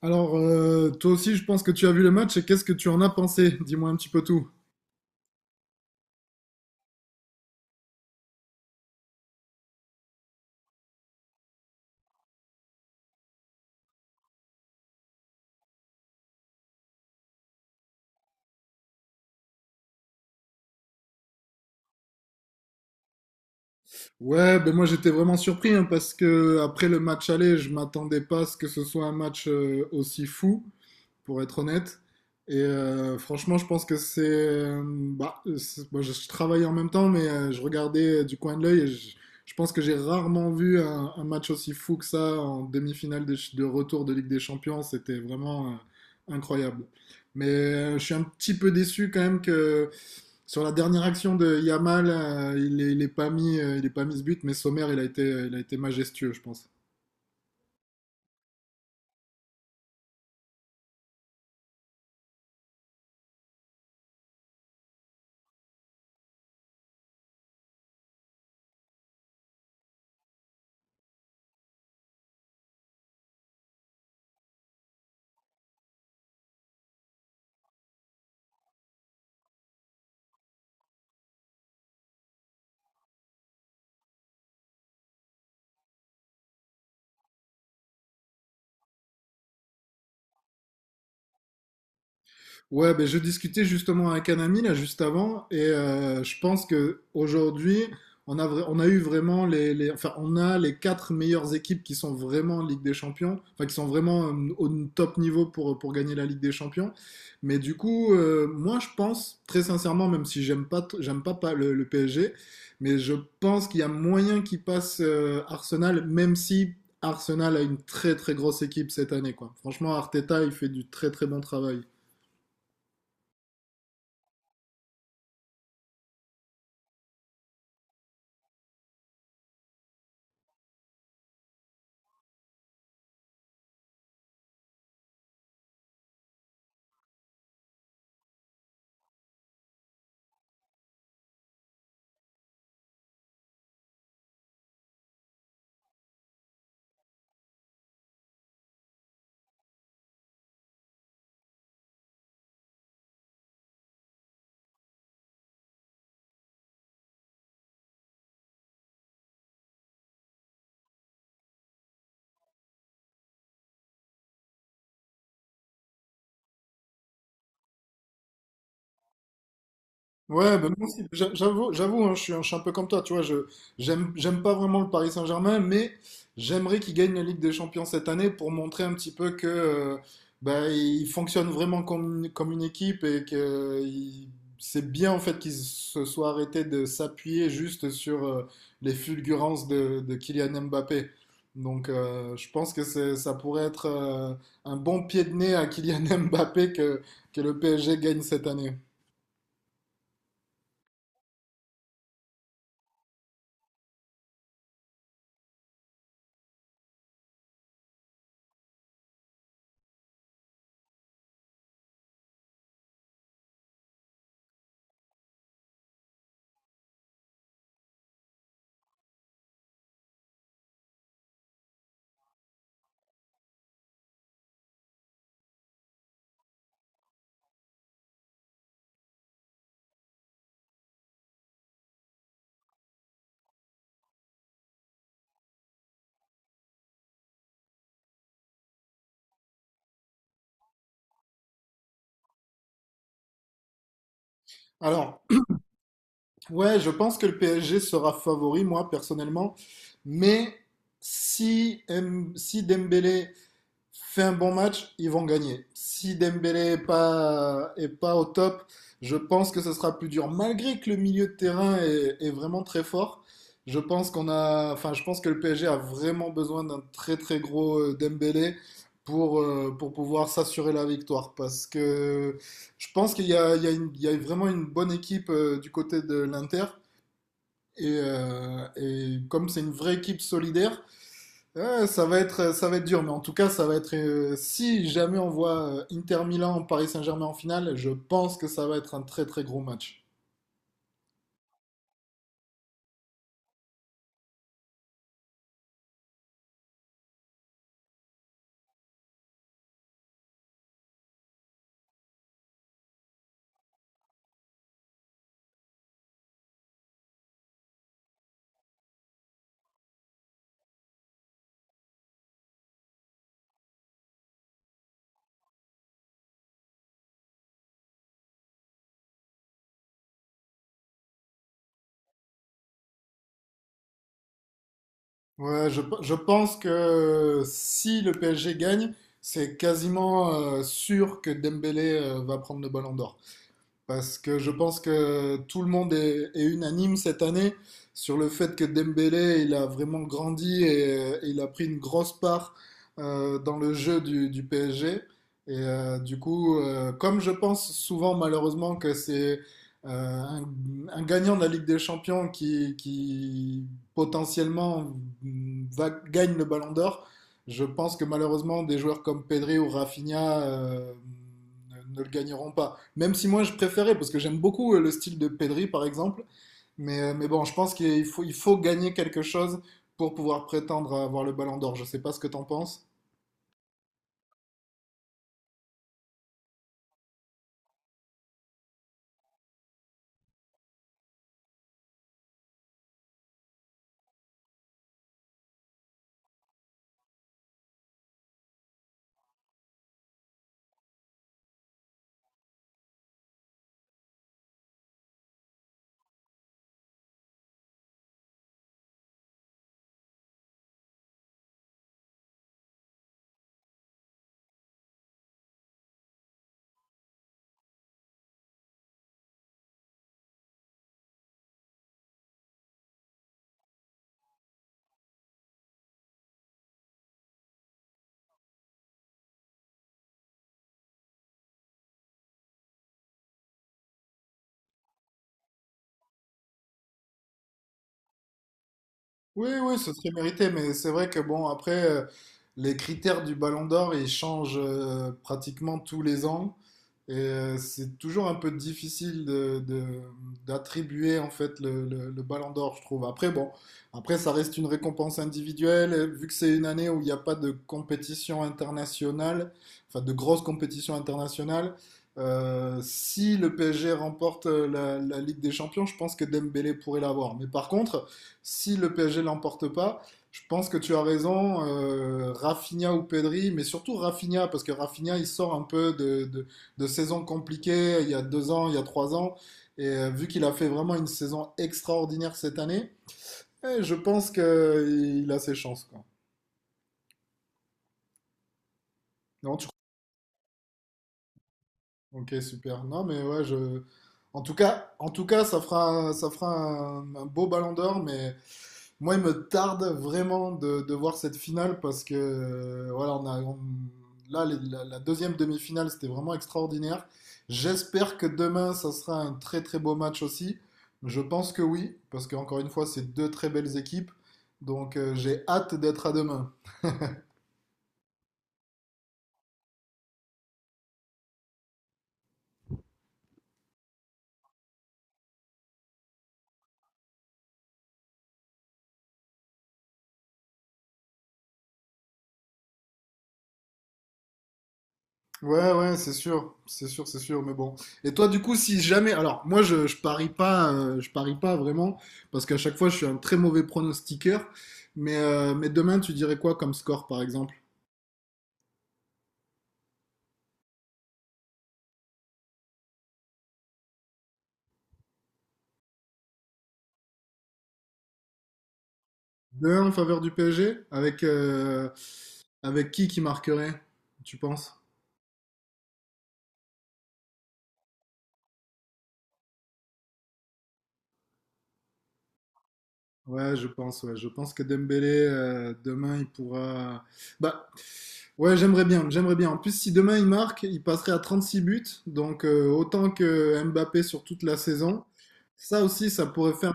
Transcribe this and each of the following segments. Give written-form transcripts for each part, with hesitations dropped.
Alors, toi aussi, je pense que tu as vu le match et qu'est-ce que tu en as pensé? Dis-moi un petit peu tout. Ouais, ben moi j'étais vraiment surpris hein, parce que après le match aller, je m'attendais pas à ce que ce soit un match aussi fou. Pour être honnête. Et franchement, je pense que c'est. Bah, moi, je travaillais en même temps, mais je regardais du coin de l'œil, et je pense que j'ai rarement vu un match aussi fou que ça en demi-finale de retour de Ligue des Champions. C'était vraiment incroyable. Mais je suis un petit peu déçu quand même que sur la dernière action de Yamal, il est pas mis, il est pas mis ce but, mais Sommer, il a été majestueux, je pense. Ouais, ben je discutais justement avec un ami là juste avant, et je pense que aujourd'hui on a eu vraiment enfin on a les quatre meilleures équipes qui sont vraiment en Ligue des Champions, enfin qui sont vraiment au top niveau pour gagner la Ligue des Champions. Mais du coup, moi je pense très sincèrement, même si j'aime pas le PSG, mais je pense qu'il y a moyen qu'il passe Arsenal, même si Arsenal a une très très grosse équipe cette année quoi. Franchement, Arteta il fait du très très bon travail. Ouais, ben moi aussi, j'avoue, hein, je suis un peu comme toi, tu vois, je j'aime pas vraiment le Paris Saint-Germain, mais j'aimerais qu'ils gagnent la Ligue des Champions cette année pour montrer un petit peu que ben, ils fonctionnent vraiment comme une équipe, et que c'est bien en fait qu'ils se soient arrêtés de s'appuyer juste sur les fulgurances de Kylian Mbappé. Donc je pense que ça pourrait être un bon pied de nez à Kylian Mbappé que, le PSG gagne cette année. Alors. Ouais, je pense que le PSG sera favori, moi, personnellement. Mais si Dembélé fait un bon match, ils vont gagner. Si Dembélé est pas au top, je pense que ce sera plus dur. Malgré que le milieu de terrain est vraiment très fort, je pense qu'on a, enfin, je pense que le PSG a vraiment besoin d'un très très gros Dembélé pour pouvoir s'assurer la victoire. Parce que je pense qu'il y a vraiment une bonne équipe du côté de l'Inter. Et comme c'est une vraie équipe solidaire, ouais, ça va être dur, mais en tout cas, ça va être. Si jamais on voit Inter Milan, Paris Saint-Germain en finale, je pense que ça va être un très très gros match. Ouais, je pense que si le PSG gagne, c'est quasiment sûr que Dembélé va prendre le Ballon d'Or. Parce que je pense que tout le monde est unanime cette année sur le fait que Dembélé, il a vraiment grandi et il a pris une grosse part dans le jeu du PSG. Et du coup, comme je pense souvent malheureusement que c'est euh, un, un gagnant de la Ligue des Champions qui potentiellement gagne le Ballon d'Or, je pense que malheureusement des joueurs comme Pedri ou Rafinha ne le gagneront pas. Même si moi je préférais, parce que j'aime beaucoup le style de Pedri par exemple, mais bon, je pense qu'il faut gagner quelque chose pour pouvoir prétendre à avoir le Ballon d'Or. Je sais pas ce que t'en penses. Oui, oui, ce serait mérité, mais c'est vrai que bon, après, les critères du Ballon d'Or, ils changent pratiquement tous les ans. Et c'est toujours un peu difficile d'attribuer en fait le Ballon d'Or, je trouve. Après, bon, après, ça reste une récompense individuelle. Et vu que c'est une année où il n'y a pas de compétition internationale, enfin de grosse compétition internationale, si le PSG remporte la Ligue des Champions, je pense que Dembélé pourrait l'avoir. Mais par contre, si le PSG l'emporte pas, je pense que tu as raison, Rafinha ou Pedri, mais surtout Rafinha, parce que Rafinha, il sort un peu de saison compliquée, il y a 2 ans, il y a 3 ans, et vu qu'il a fait vraiment une saison extraordinaire cette année, eh, je pense qu'il a ses chances, quoi. Non, tu. Ok, super. Non, mais ouais, je. En tout cas, ça fera un beau Ballon d'Or, mais moi, il me tarde vraiment de voir cette finale parce que voilà, là, la deuxième demi-finale, c'était vraiment extraordinaire. J'espère que demain, ça sera un très très beau match aussi. Je pense que oui, parce qu'encore une fois, c'est deux très belles équipes, donc j'ai hâte d'être à demain. Ouais, ouais, c'est sûr, c'est sûr, c'est sûr, mais bon. Et toi, du coup, si jamais, alors moi, je parie pas vraiment, parce qu'à chaque fois, je suis un très mauvais pronostiqueur. Mais demain, tu dirais quoi comme score, par exemple? Deux 1 en faveur du PSG, avec avec qui marquerait, tu penses? Ouais, je pense que Dembélé demain, il pourra. Bah. Ouais, j'aimerais bien, j'aimerais bien. En plus, si demain il marque, il passerait à 36 buts, donc autant que Mbappé sur toute la saison. Ça aussi, ça pourrait faire,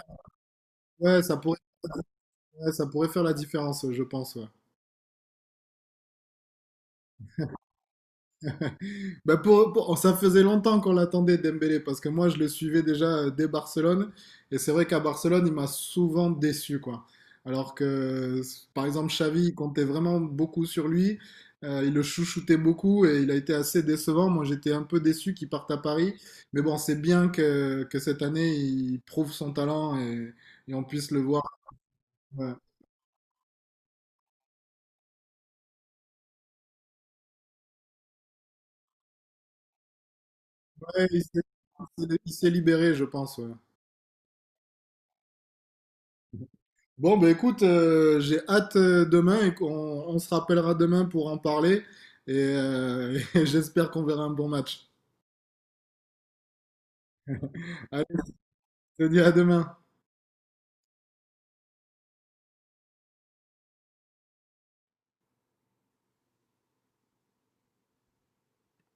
ouais, ça pourrait, ouais, ça pourrait faire la différence, je pense. Ouais. Bah oh, ça faisait longtemps qu'on l'attendait Dembélé parce que moi je le suivais déjà dès Barcelone, et c'est vrai qu'à Barcelone il m'a souvent déçu quoi. Alors que par exemple Xavi il comptait vraiment beaucoup sur lui, il le chouchoutait beaucoup et il a été assez décevant. Moi j'étais un peu déçu qu'il parte à Paris, mais bon c'est bien que cette année il prouve son talent, et on puisse le voir. Ouais. Ouais, il s'est libéré, je pense. Ouais. Bon, bah écoute, j'ai hâte demain, et qu'on se rappellera demain pour en parler. Et j'espère qu'on verra un bon match. Allez, je te dis à demain.